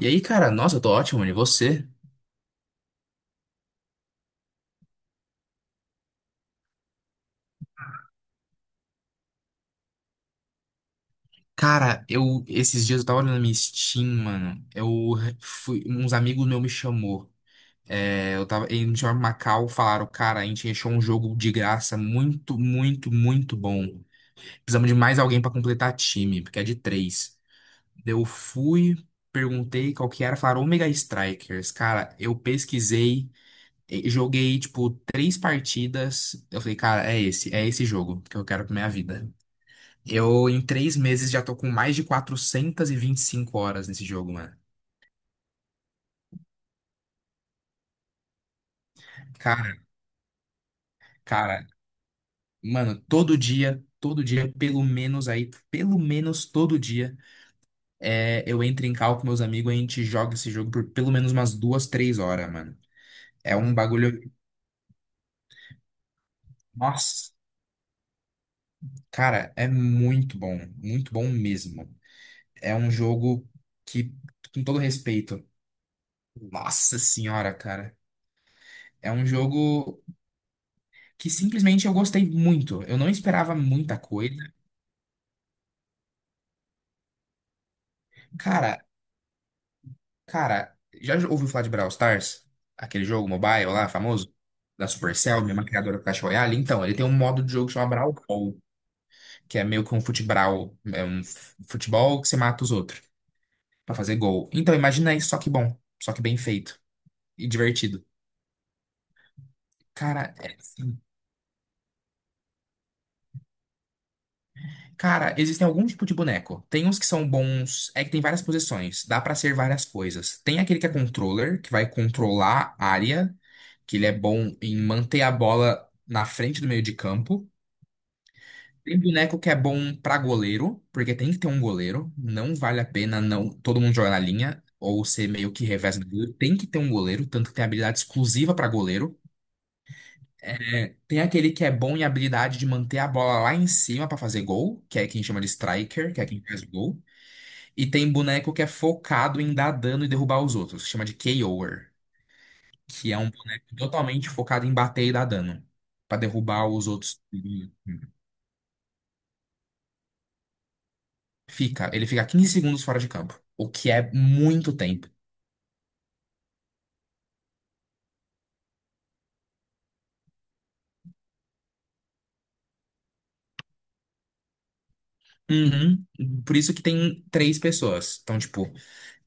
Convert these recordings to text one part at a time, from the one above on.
E aí, cara, nossa, eu tô ótimo, mano. E você? Cara, eu esses dias eu tava olhando na minha Steam, mano. Eu fui, uns amigos meus me chamou. É, eu tava, eles me chamaram pra Macau, falaram, cara, a gente achou um jogo de graça muito, muito, muito bom. Precisamos de mais alguém pra completar time, porque é de três. Eu fui, perguntei qual que era, falaram Omega Strikers. Cara, eu pesquisei, joguei tipo três partidas. Eu falei, cara, é esse jogo que eu quero pra minha vida. Eu, em 3 meses, já tô com mais de quatrocentas e vinte e cinco horas nesse jogo, mano. Cara, cara, mano, todo dia, pelo menos aí, pelo menos todo dia, é, eu entro em call com meus amigos e a gente joga esse jogo por pelo menos umas duas, três horas, mano. É um bagulho. Nossa, cara, é muito bom mesmo. É um jogo que, com todo respeito, nossa senhora, cara. É um jogo que simplesmente eu gostei muito. Eu não esperava muita coisa. Cara, cara, já ouviu falar de Brawl Stars? Aquele jogo mobile lá, famoso? Da Supercell, mesma criadora do Clash Royale. Então, ele tem um modo de jogo que chama Brawl Ball, que é meio que um futebral, é um futebol que você mata os outros pra fazer gol. Então, imagina isso, só que bom, só que bem feito e divertido. Cara, é, assim, cara, existem algum tipo de boneco. Tem uns que são bons. É que tem várias posições. Dá pra ser várias coisas. Tem aquele que é controller, que vai controlar a área, que ele é bom em manter a bola na frente do meio de campo. Tem boneco que é bom pra goleiro, porque tem que ter um goleiro. Não vale a pena não todo mundo jogar na linha ou ser meio que reverso do goleiro. Tem que ter um goleiro, tanto que tem habilidade exclusiva pra goleiro. É, tem aquele que é bom em habilidade de manter a bola lá em cima pra fazer gol, que é quem chama de striker, que é quem faz gol. E tem boneco que é focado em dar dano e derrubar os outros. Chama de KOer. Que é um boneco totalmente focado em bater e dar dano. Pra derrubar os outros. Fica. Ele fica 15 segundos fora de campo. O que é muito tempo. Uhum. Por isso que tem três pessoas. Então, tipo,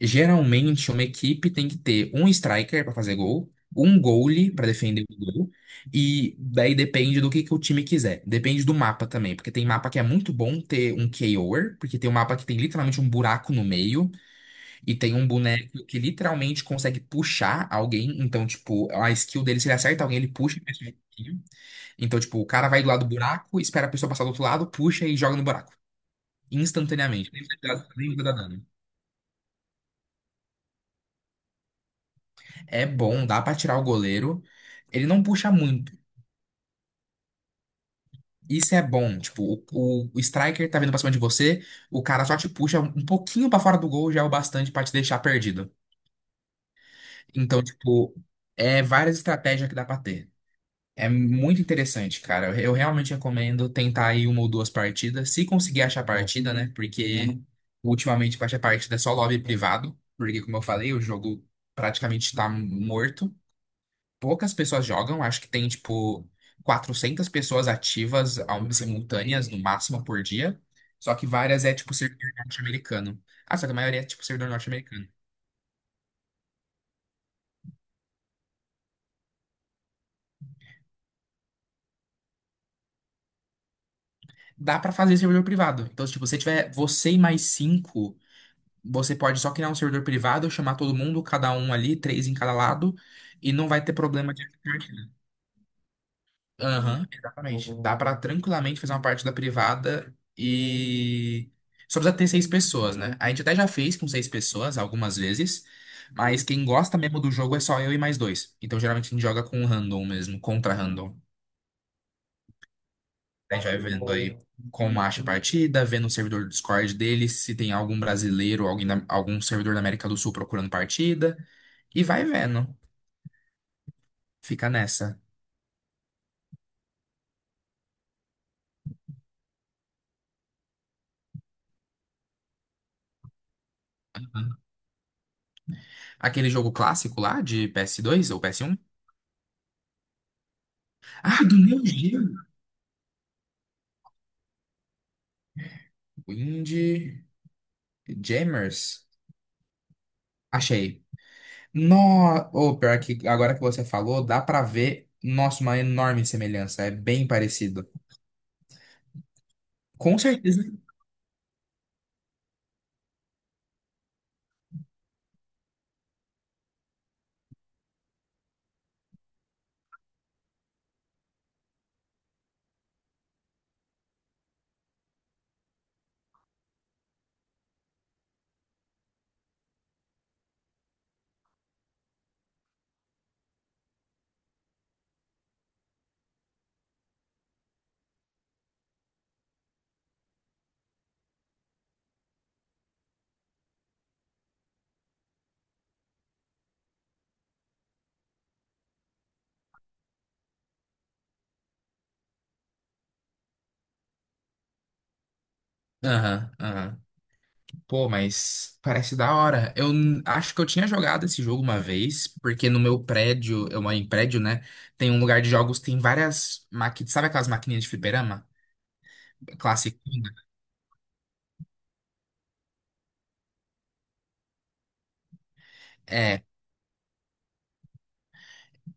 geralmente uma equipe tem que ter um striker pra fazer gol, um goalie pra defender o gol, e daí depende do que o time quiser. Depende do mapa também, porque tem mapa que é muito bom ter um KOer, porque tem um mapa que tem literalmente um buraco no meio, e tem um boneco que literalmente consegue puxar alguém. Então, tipo, a skill dele, se ele acerta alguém, ele puxa. E faz um. Então, tipo, o cara vai do lado do buraco, espera a pessoa passar do outro lado, puxa e joga no buraco. Instantaneamente. Nem vai dar dano. É bom, dá pra tirar o goleiro. Ele não puxa muito. Isso é bom. Tipo, o striker tá vindo pra cima de você, o cara só te puxa um pouquinho pra fora do gol, já é o bastante pra te deixar perdido. Então, tipo, é várias estratégias que dá pra ter. É muito interessante, cara. Eu realmente recomendo tentar aí uma ou duas partidas, se conseguir achar partida, né? Porque ultimamente pra achar partida é só lobby privado, porque como eu falei, o jogo praticamente tá morto. Poucas pessoas jogam, acho que tem tipo 400 pessoas ativas simultâneas no máximo por dia, só que várias é tipo servidor norte-americano. Ah, só que a maioria é tipo servidor norte-americano. Dá pra fazer servidor privado. Então, se tipo, você tiver você e mais cinco, você pode só criar um servidor privado, chamar todo mundo, cada um ali, três em cada lado, e não vai ter problema de. Aham, exatamente. Dá pra tranquilamente fazer uma parte da privada e só precisa ter seis pessoas, né? A gente até já fez com seis pessoas algumas vezes, mas quem gosta mesmo do jogo é só eu e mais dois. Então geralmente a gente joga com random mesmo, contra random. A gente vai vendo aí como acha a partida, vendo o servidor do Discord dele, se tem algum brasileiro, alguém algum servidor da América do Sul procurando partida, e vai vendo. Fica nessa. Aquele jogo clássico lá de PS2 ou PS1. Ah, do Neo Geo! Windjammers? Achei. No... Ou pior que agora que você falou, dá pra ver, nossa, uma enorme semelhança. É bem parecido. Com certeza. Aham, aham. Pô, mas parece da hora. Eu acho que eu tinha jogado esse jogo uma vez, porque no meu prédio, eu moro em prédio, né? Tem um lugar de jogos, tem várias máquinas. Sabe aquelas maquininhas de fliperama? Clássico.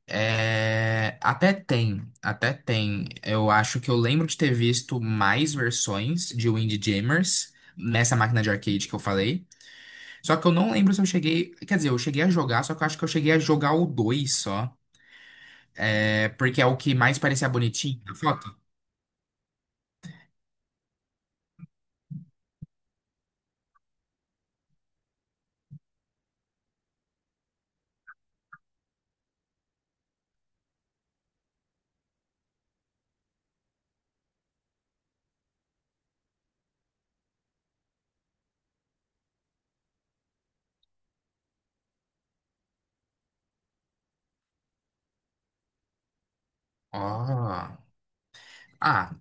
É, até tem, até tem. Eu acho que eu lembro de ter visto mais versões de Windjammers nessa máquina de arcade que eu falei. Só que eu não lembro se eu cheguei. Quer dizer, eu cheguei a jogar, só que eu acho que eu cheguei a jogar o 2 só. É, porque é o que mais parecia bonitinho na foto. Ó. Ah,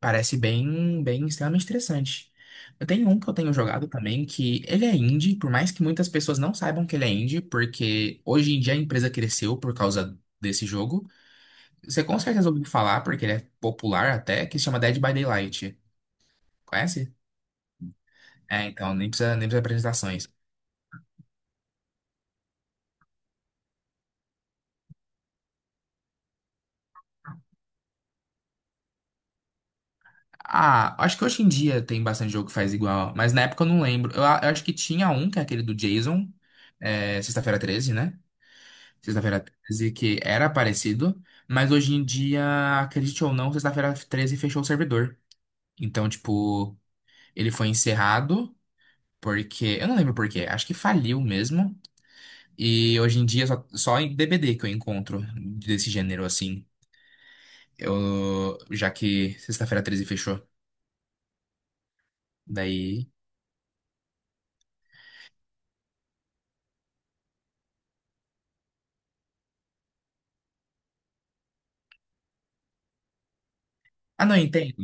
parece bem, bem extremamente interessante. Eu tenho um que eu tenho jogado também, que ele é indie, por mais que muitas pessoas não saibam que ele é indie, porque hoje em dia a empresa cresceu por causa desse jogo. Você com certeza ouviu falar, porque ele é popular até, que se chama Dead by Daylight. Conhece? É, então, nem precisa, nem precisa de apresentações. Ah, acho que hoje em dia tem bastante jogo que faz igual, mas na época eu não lembro. Eu acho que tinha um, que é aquele do Jason, é, Sexta-feira 13, né? Sexta-feira 13, que era parecido, mas hoje em dia, acredite ou não, Sexta-feira 13 fechou o servidor. Então, tipo, ele foi encerrado porque. Eu não lembro por quê, acho que faliu mesmo. E hoje em dia, só em DBD que eu encontro desse gênero assim. Eu, já que Sexta-feira 13 fechou. Daí. Ah, não, entendo.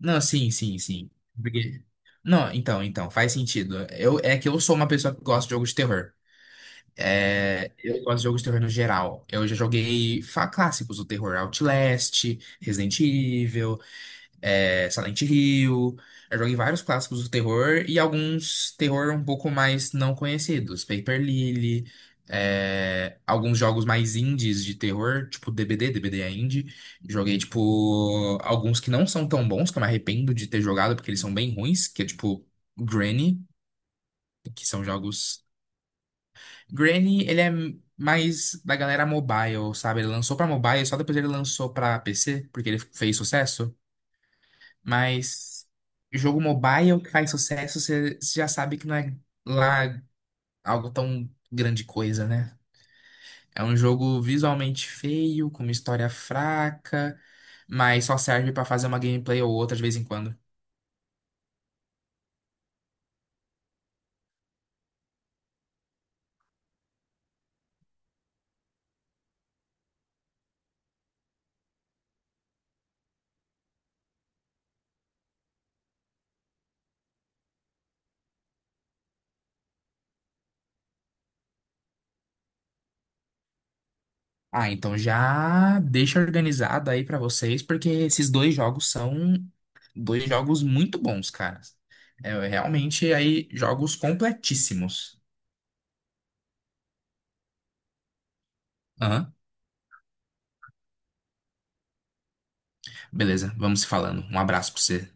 Não, sim, sim, sim. Porque. Não, então, faz sentido. É que eu sou uma pessoa que gosta de jogos de terror. É, eu gosto de jogos de terror no geral. Eu já joguei clássicos do terror, Outlast, Resident Evil, é, Silent Hill. Eu joguei vários clássicos do terror e alguns terror um pouco mais não conhecidos, Paper Lily, é, alguns jogos mais indies de terror, tipo DBD, DBD é indie. Joguei, tipo, alguns que não são tão bons, que eu me arrependo de ter jogado, porque eles são bem ruins, que é tipo Granny, que são jogos. Granny, ele é mais da galera mobile, sabe? Ele lançou pra mobile, só depois ele lançou pra PC, porque ele fez sucesso. Mas jogo mobile que faz sucesso, você já sabe que não é lá algo tão grande coisa, né? É um jogo visualmente feio, com uma história fraca, mas só serve pra fazer uma gameplay ou outra de vez em quando. Ah, então já deixa organizado aí pra vocês, porque esses dois jogos são. Dois jogos muito bons, cara. É, realmente aí jogos completíssimos. Aham. Beleza, vamos se falando. Um abraço pra você.